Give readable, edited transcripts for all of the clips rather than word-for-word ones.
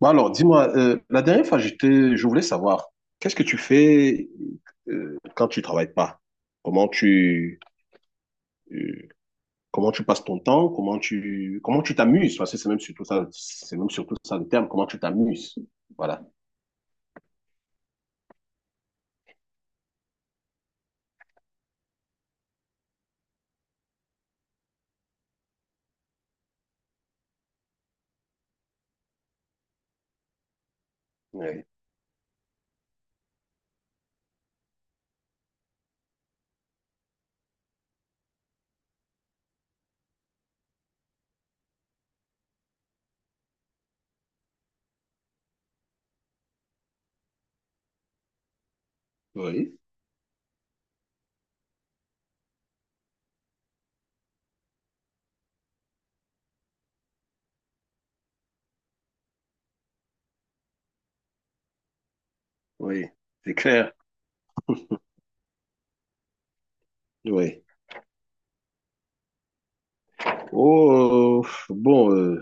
Bon, alors, dis-moi, la dernière fois, je voulais savoir, qu'est-ce que tu fais quand tu travailles pas? Comment tu, euh, comment tu passes ton temps? Comment tu t'amuses? Parce que c'est même surtout ça, c'est même surtout ça le terme, comment tu t'amuses? Voilà. Oui, oui, oui, c'est clair. Oui. Oh, bon,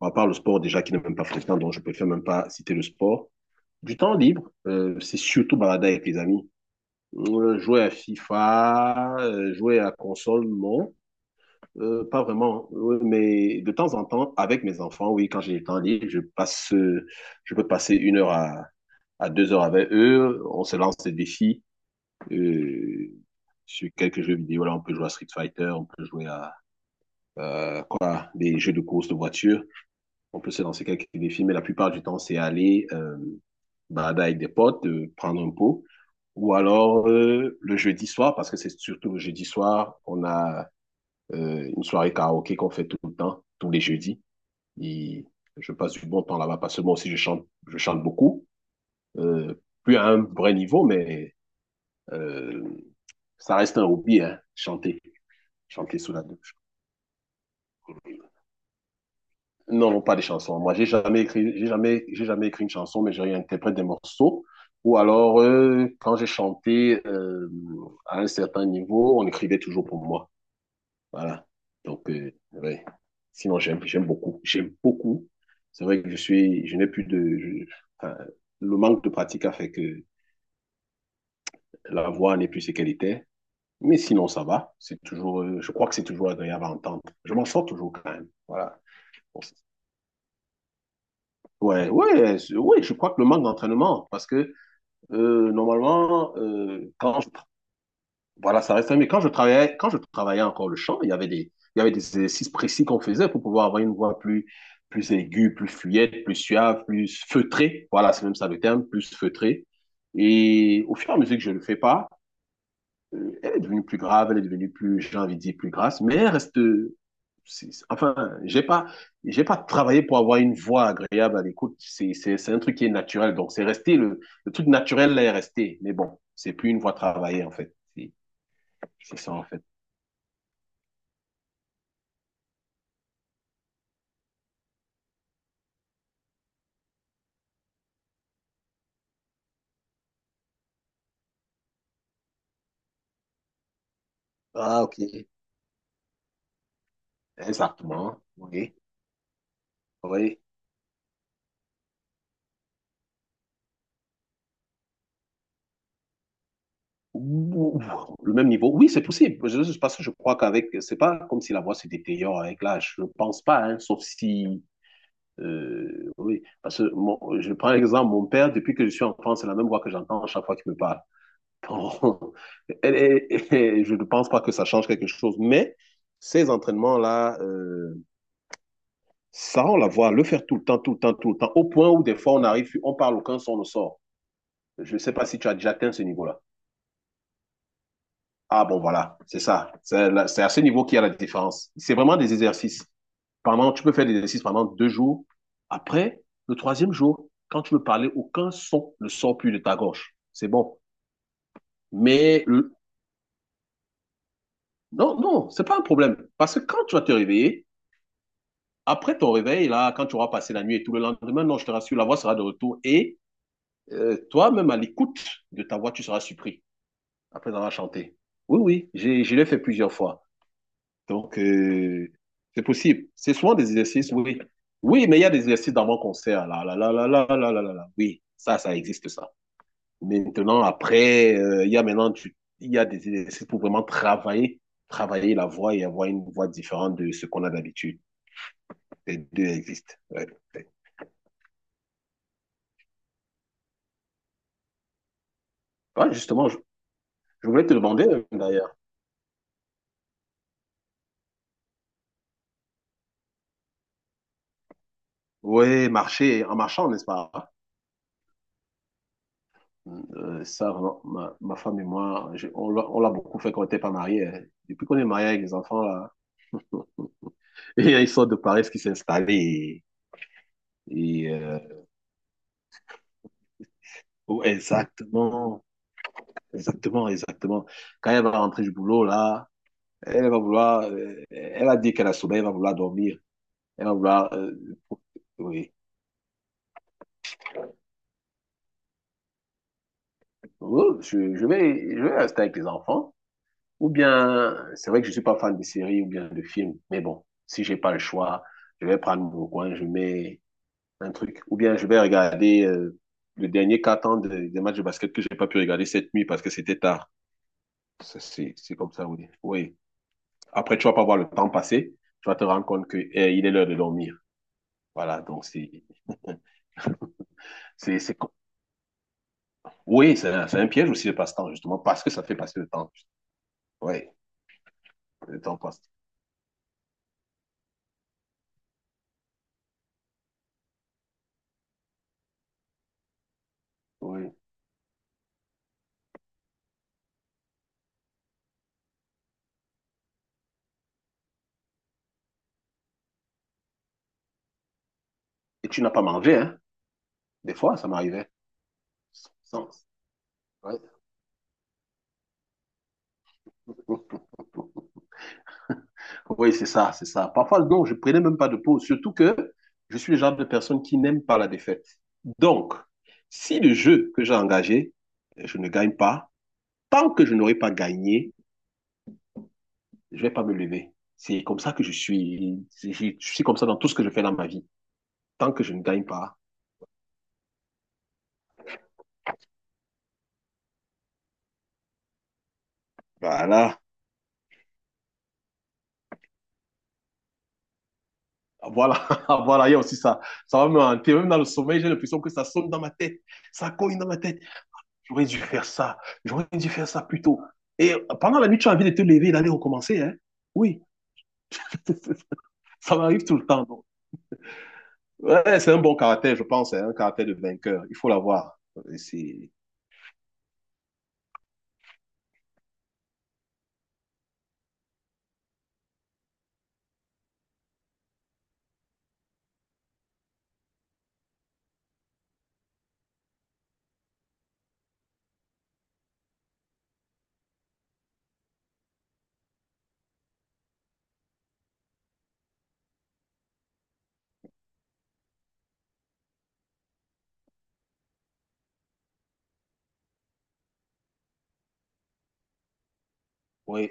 à part le sport déjà qui n'est même pas fréquent, donc je préfère même pas citer le sport. Du temps libre, c'est surtout balada avec les amis. Jouer à FIFA, jouer à console, non. Pas vraiment. Oui, mais de temps en temps, avec mes enfants, oui, quand j'ai le temps libre, je peux passer une heure à deux heures avec eux. On se lance des défis euh, sur quelques jeux vidéo. Là, on peut jouer à Street Fighter, on peut jouer à quoi, des jeux de course de voiture. On peut se lancer quelques défis, mais la plupart du temps, c'est aller balader avec des potes, prendre un pot. Ou alors le jeudi soir, parce que c'est surtout le jeudi soir, on a une soirée karaoké qu'on fait tout le temps, tous les jeudis. Et je passe du bon temps là-bas, parce que moi aussi, je chante beaucoup. Euh, plus à un vrai niveau, mais euh, ça reste un hobby, hein, chanter, chanter sous la douche. Non, non, pas des chansons. Moi, j'ai jamais écrit une chanson, mais je réinterprète des morceaux. Ou alors, quand j'ai chanté à un certain niveau, on écrivait toujours pour moi. Voilà. Donc, ouais. Sinon, j'aime, j'aime beaucoup. J'aime beaucoup. C'est vrai que je suis, je n'ai plus de, je- enfin, le manque de pratique a fait que la voix n'est plus ce qu'elle était. Mais sinon, ça va. C'est toujours, je crois que c'est toujours agréable à entendre. Je m'en sors toujours quand même. Voilà. Bon, ouais, ouais, je crois que le manque d'entraînement, parce que normalement, voilà, mais quand je travaillais encore le chant, il y avait des exercices précis qu'on faisait pour pouvoir avoir une voix plus, plus aiguë, plus fluette, plus suave, plus feutrée. Voilà, c'est même ça le terme, plus feutrée. Et au fur et à mesure que je ne le fais pas, elle est devenue plus grave, elle est devenue plus, j'ai envie de dire, plus grasse, mais elle reste. Enfin, j'ai pas travaillé pour avoir une voix agréable à l'écoute. C'est un truc qui est naturel. Donc, c'est resté, le truc naturel là est resté. Mais bon, c'est plus une voix travaillée, en fait. C'est ça, en fait. Ah, ok. Exactement. Oui. Oui. Ouh, le même niveau. Oui, c'est possible. Parce que je crois qu'avec, c'est pas comme si la voix se détériore avec l'âge. Je ne pense pas, hein, sauf si. Oui, parce que je prends l'exemple, mon père, depuis que je suis enfant, c'est la même voix que j'entends à chaque fois qu'il me parle. Bon, et je ne pense pas que ça change quelque chose, mais ces entraînements-là, ça, on la voit, le faire tout le temps, tout le temps, tout le temps, au point où des fois on arrive, on parle, aucun son ne sort. Je ne sais pas si tu as déjà atteint ce niveau-là. Ah bon, voilà, c'est ça. C'est à ce niveau qu'il y a la différence. C'est vraiment des exercices. Tu peux faire des exercices pendant deux jours. Après, le troisième jour, quand tu veux parler, aucun son ne sort plus de ta gorge. C'est bon. Mais le... non, non, c'est pas un problème. Parce que quand tu vas te réveiller, après ton réveil, là, quand tu auras passé la nuit et tout le lendemain, non, je te rassure, la voix sera de retour et toi-même à l'écoute de ta voix, tu seras surpris après avoir chanté. Oui, oui, je l'ai fait plusieurs fois. Donc, c'est possible. C'est souvent des exercices, oui. Oui, mais il y a des exercices dans mon concert. Là, là, là, là, là, là, là, là, là. Oui, ça existe, ça. Maintenant, après, il y a maintenant il y a des exercices pour vraiment travailler la voix et avoir une voix différente de ce qu'on a d'habitude. Les deux existent. Ouais. Ouais, justement, je voulais te demander, d'ailleurs. Oui, marcher en marchant, n'est-ce pas? Ça, vraiment, ma femme et moi, on l'a beaucoup fait quand on n'était pas mariés, hein. Depuis qu'on est mariés avec les enfants, là, et il y a une sorte de paresse qui s'est installée. Et, euh, oh, exactement, exactement, exactement. Quand elle va rentrer du boulot, là, elle va vouloir, elle a dit qu'elle a sommeil, elle va vouloir dormir. Elle va vouloir, oui. Oh, je vais rester avec les enfants. Ou bien, c'est vrai que je suis pas fan de séries ou bien de films, mais bon, si j'ai pas le choix, je vais prendre mon coin, je mets un truc. Ou bien, je vais regarder le dernier quart temps des matchs de basket que j'ai pas pu regarder cette nuit parce que c'était tard. Ça, c'est comme ça, oui. Oui. Après, tu vas pas voir le temps passer. Tu vas te rendre compte que, eh, il est l'heure de dormir. Voilà. C'est c'est co- Oui, c'est un piège aussi le passe-temps, justement, parce que ça fait passer le temps. Oui, le temps passe. Oui. Et tu n'as pas mangé, hein? Des fois, ça m'arrivait. Sans- ouais. Oui, c'est ça, c'est ça. Parfois, non, je prenais même pas de pause, surtout que je suis le genre de personne qui n'aime pas la défaite. Donc, si le jeu que j'ai engagé, je ne gagne pas, tant que je n'aurai pas gagné, je vais pas me lever. C'est comme ça que je suis. Je suis comme ça dans tout ce que je fais dans ma vie. Tant que je ne gagne pas. Voilà. Voilà, voilà, il y a aussi ça. Ça va me hanter. Même dans le sommeil, j'ai l'impression que ça sonne dans ma tête. Ça cogne dans ma tête. J'aurais dû faire ça. J'aurais dû faire ça plus tôt. Et pendant la nuit, tu as envie de te lever et d'aller recommencer. Hein? Oui, ça m'arrive tout le temps. Donc. Ouais, c'est un bon caractère, je pense. C'est un caractère de vainqueur. Il faut l'avoir. C'est... oui.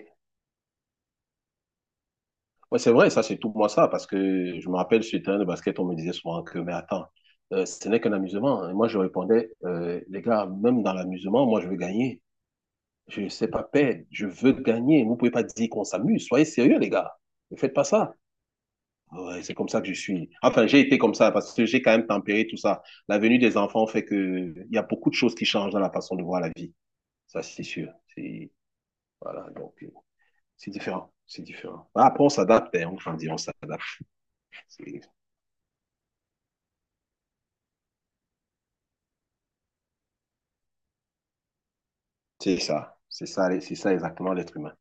Ouais, c'est vrai, ça, c'est tout moi ça, parce que je me rappelle sur le terrain de basket, on me disait souvent que, mais attends, ce n'est qu'un amusement. Et moi, je répondais, les gars, même dans l'amusement, moi, je veux gagner. Je ne sais pas perdre, je veux gagner. Vous ne pouvez pas dire qu'on s'amuse. Soyez sérieux, les gars. Ne faites pas ça. Ouais, c'est comme ça que je suis. Enfin, j'ai été comme ça parce que j'ai quand même tempéré tout ça. La venue des enfants fait que il y a beaucoup de choses qui changent dans la façon de voir la vie. Ça, c'est sûr. Voilà, donc, c'est différent. C'est différent. Après, on s'adapte, hein. Enfin, on grandit, on s'adapte. C'est- C'est ça. C'est ça, c'est ça exactement l'être humain.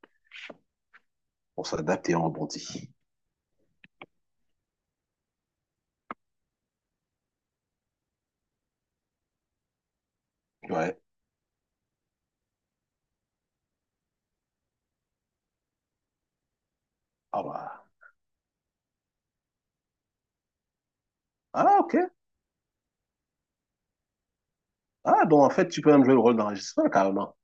On s'adapte et on rebondit. Ouais. Ah bah. Ah, ok. Ah, donc en fait, tu peux même jouer le rôle d'enregistreur carrément.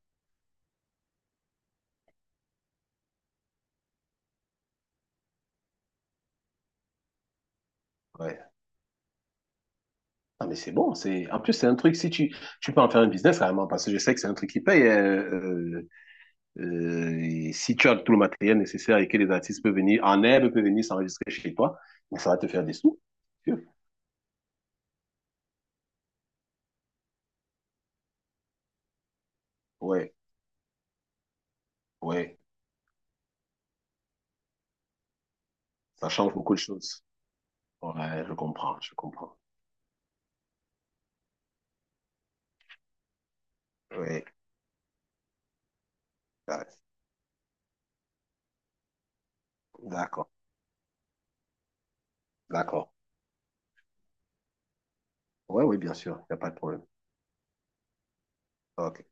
Ouais. Ah, mais c'est bon. En plus, c'est un truc, si tu... tu peux en faire un business carrément, parce que je sais que c'est un truc qui paye. Et si tu as tout le matériel nécessaire et que les artistes peuvent venir, en herbe, peuvent venir s'enregistrer chez toi, mais ça va te faire des sous. Sûr. Ouais, ouais. Ça change beaucoup de choses. Ouais, je comprends, je comprends. Ouais, ouais. D'accord, d'accord. Ouais, oui, bien sûr, il n'y a pas de problème. Ok.